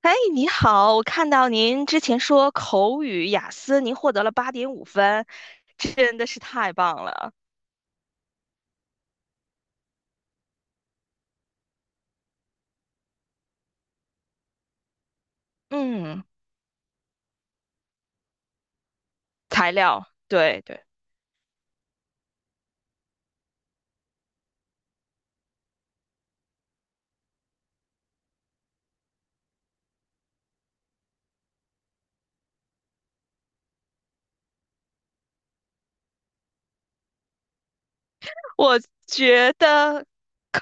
哎，你好，我看到您之前说口语雅思您获得了八点五分，真的是太棒了。嗯，材料，对对。我觉得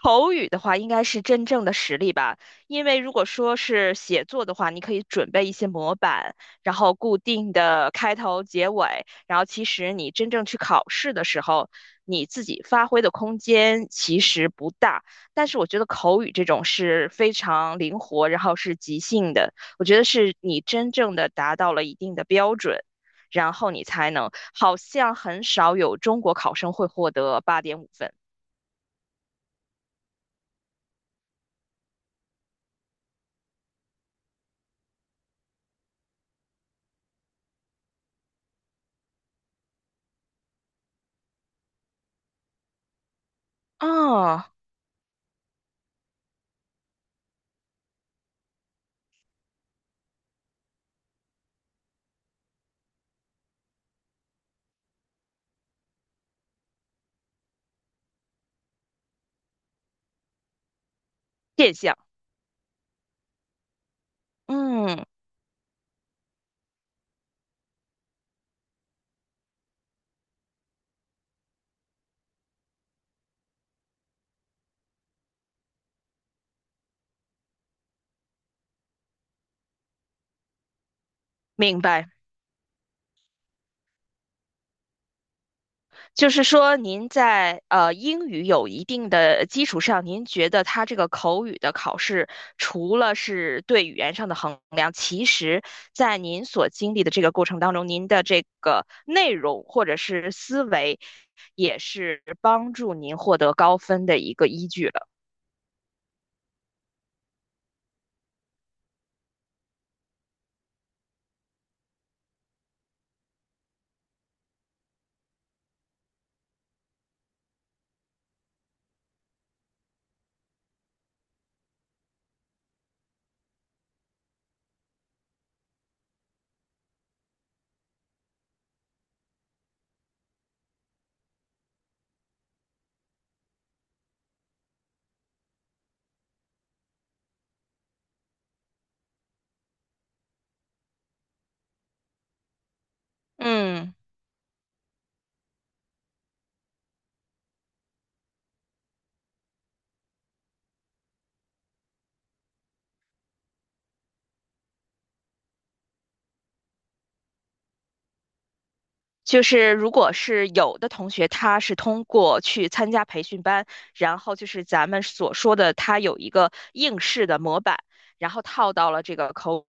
口语的话，应该是真正的实力吧。因为如果说是写作的话，你可以准备一些模板，然后固定的开头、结尾，然后其实你真正去考试的时候，你自己发挥的空间其实不大。但是我觉得口语这种是非常灵活，然后是即兴的，我觉得是你真正的达到了一定的标准。然后你才能。好像很少有中国考生会获得八点五分。哦，现象。嗯，明白。就是说，您在英语有一定的基础上，您觉得它这个口语的考试，除了是对语言上的衡量，其实在您所经历的这个过程当中，您的这个内容或者是思维，也是帮助您获得高分的一个依据了。嗯。就是如果是有的同学，他是通过去参加培训班，然后就是咱们所说的，他有一个应试的模板，然后套到了这个口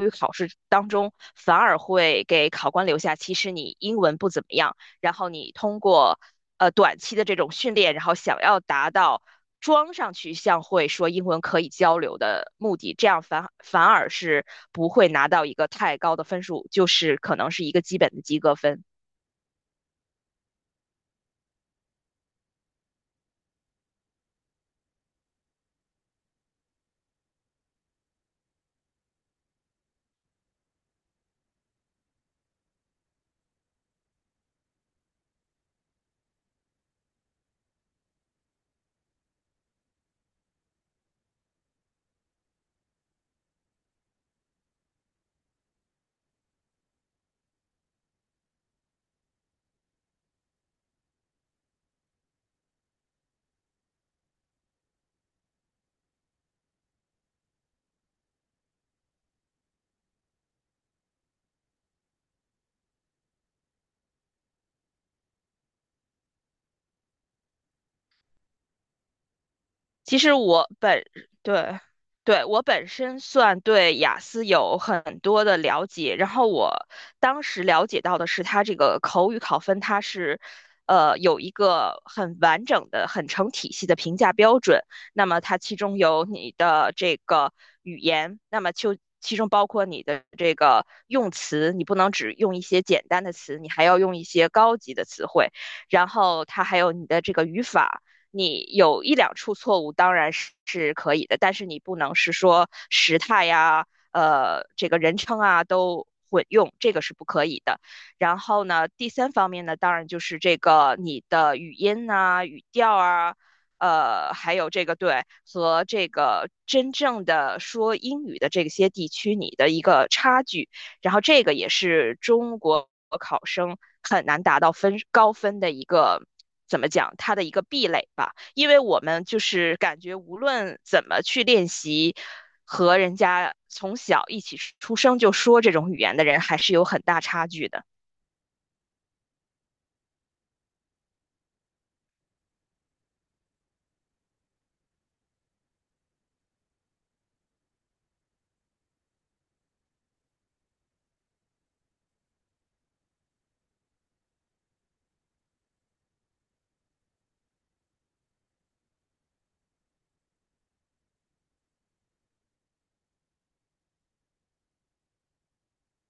语考试当中，反而会给考官留下，其实你英文不怎么样，然后你通过短期的这种训练，然后想要达到装上去像会说英文可以交流的目的，这样反而是不会拿到一个太高的分数，就是可能是一个基本的及格分。其实我本，对，对，我本身算对雅思有很多的了解，然后我当时了解到的是，它这个口语考分它是有一个很完整的、很成体系的评价标准。那么它其中有你的这个语言，那么就其中包括你的这个用词，你不能只用一些简单的词，你还要用一些高级的词汇，然后它还有你的这个语法。你有一两处错误当然是可以的，但是你不能是说时态呀、这个人称啊都混用，这个是不可以的。然后呢，第三方面呢，当然就是这个你的语音啊、语调啊。还有这个对和这个真正的说英语的这些地区，你的一个差距，然后这个也是中国考生很难达到分高分的一个。怎么讲，它的一个壁垒吧，因为我们就是感觉无论怎么去练习，和人家从小一起出生就说这种语言的人还是有很大差距的。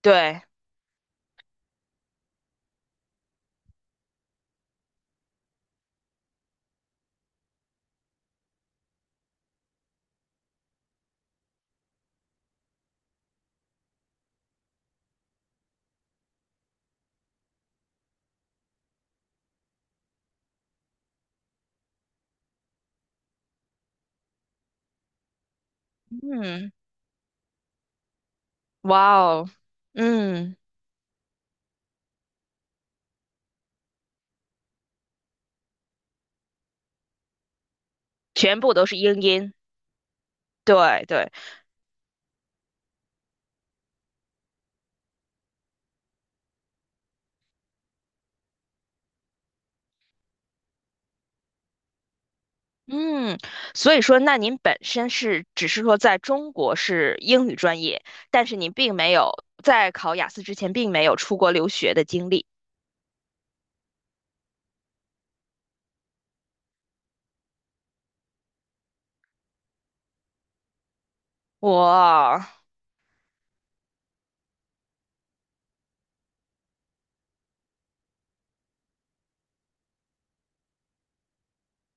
对，嗯，哇哦，嗯，全部都是英音，对对。嗯，所以说，那您本身是只是说在中国是英语专业，但是您并没有在考雅思之前并没有出国留学的经历。我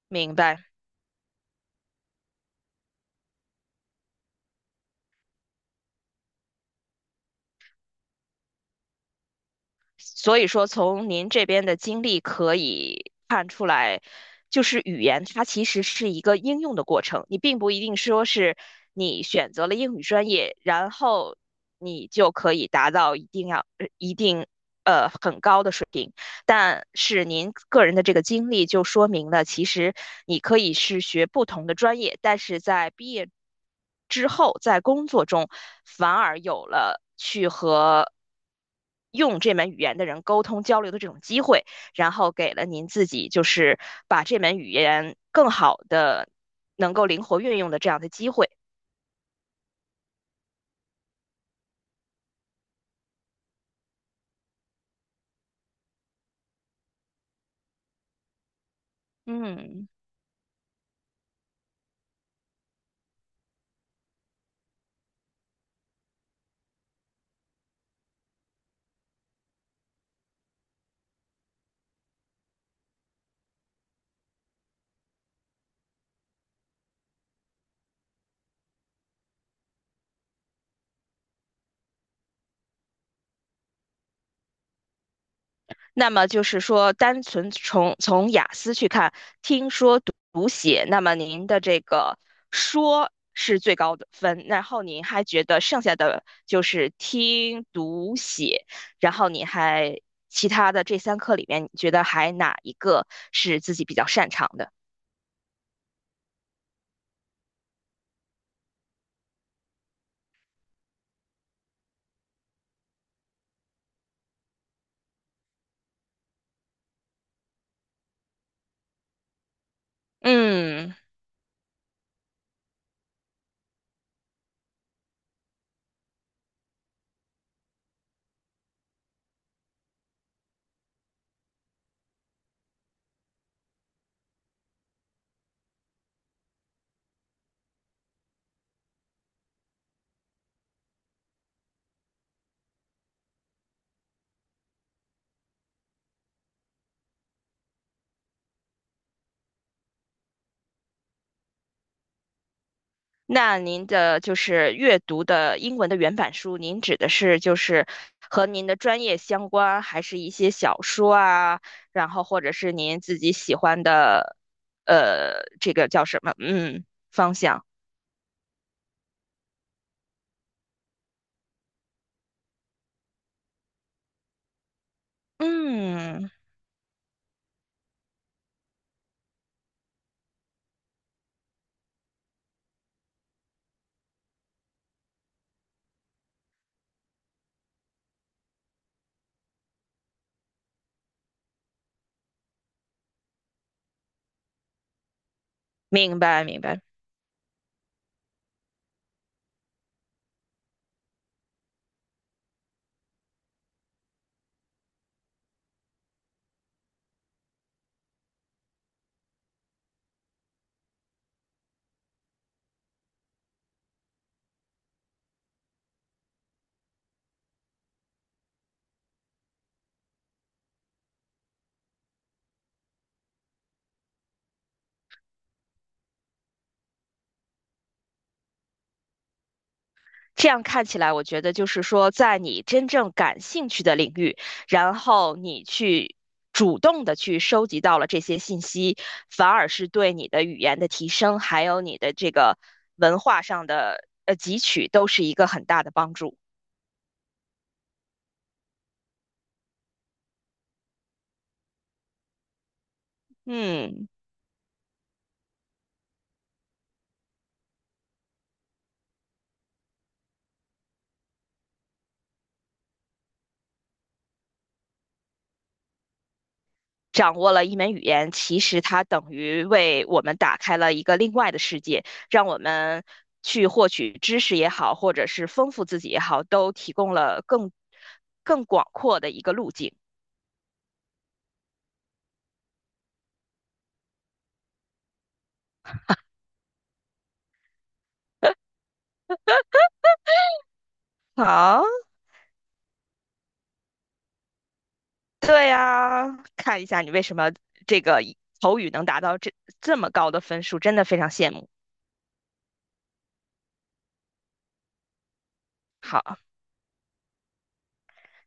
明白，所以说从您这边的经历可以看出来，就是语言它其实是一个应用的过程，你并不一定说是你选择了英语专业，然后你就可以达到一定很高的水平。但是您个人的这个经历就说明了，其实你可以是学不同的专业，但是在毕业之后，在工作中反而有了去和用这门语言的人沟通交流的这种机会，然后给了您自己就是把这门语言更好的能够灵活运用的这样的机会。嗯。那么就是说，单纯从雅思去看，听说读写，那么您的这个说是最高的分，然后您还觉得剩下的就是听读写，然后你还其他的这三课里面，你觉得还哪一个是自己比较擅长的？嗯。那您的就是阅读的英文的原版书，您指的是就是和您的专业相关，还是一些小说啊，然后或者是您自己喜欢的，这个叫什么？嗯，方向。嗯，明白明白。这样看起来，我觉得就是说，在你真正感兴趣的领域，然后你去主动的去收集到了这些信息，反而是对你的语言的提升，还有你的这个文化上的汲取，都是一个很大的帮助。嗯。掌握了一门语言，其实它等于为我们打开了一个另外的世界，让我们去获取知识也好，或者是丰富自己也好，都提供了更广阔的一个路径。好，对呀，看一下你为什么这个口语能达到这么高的分数，真的非常羡慕。好，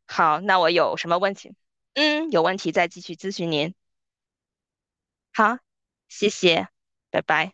好，那我有什么问题？嗯，有问题再继续咨询您。好，谢谢，拜拜。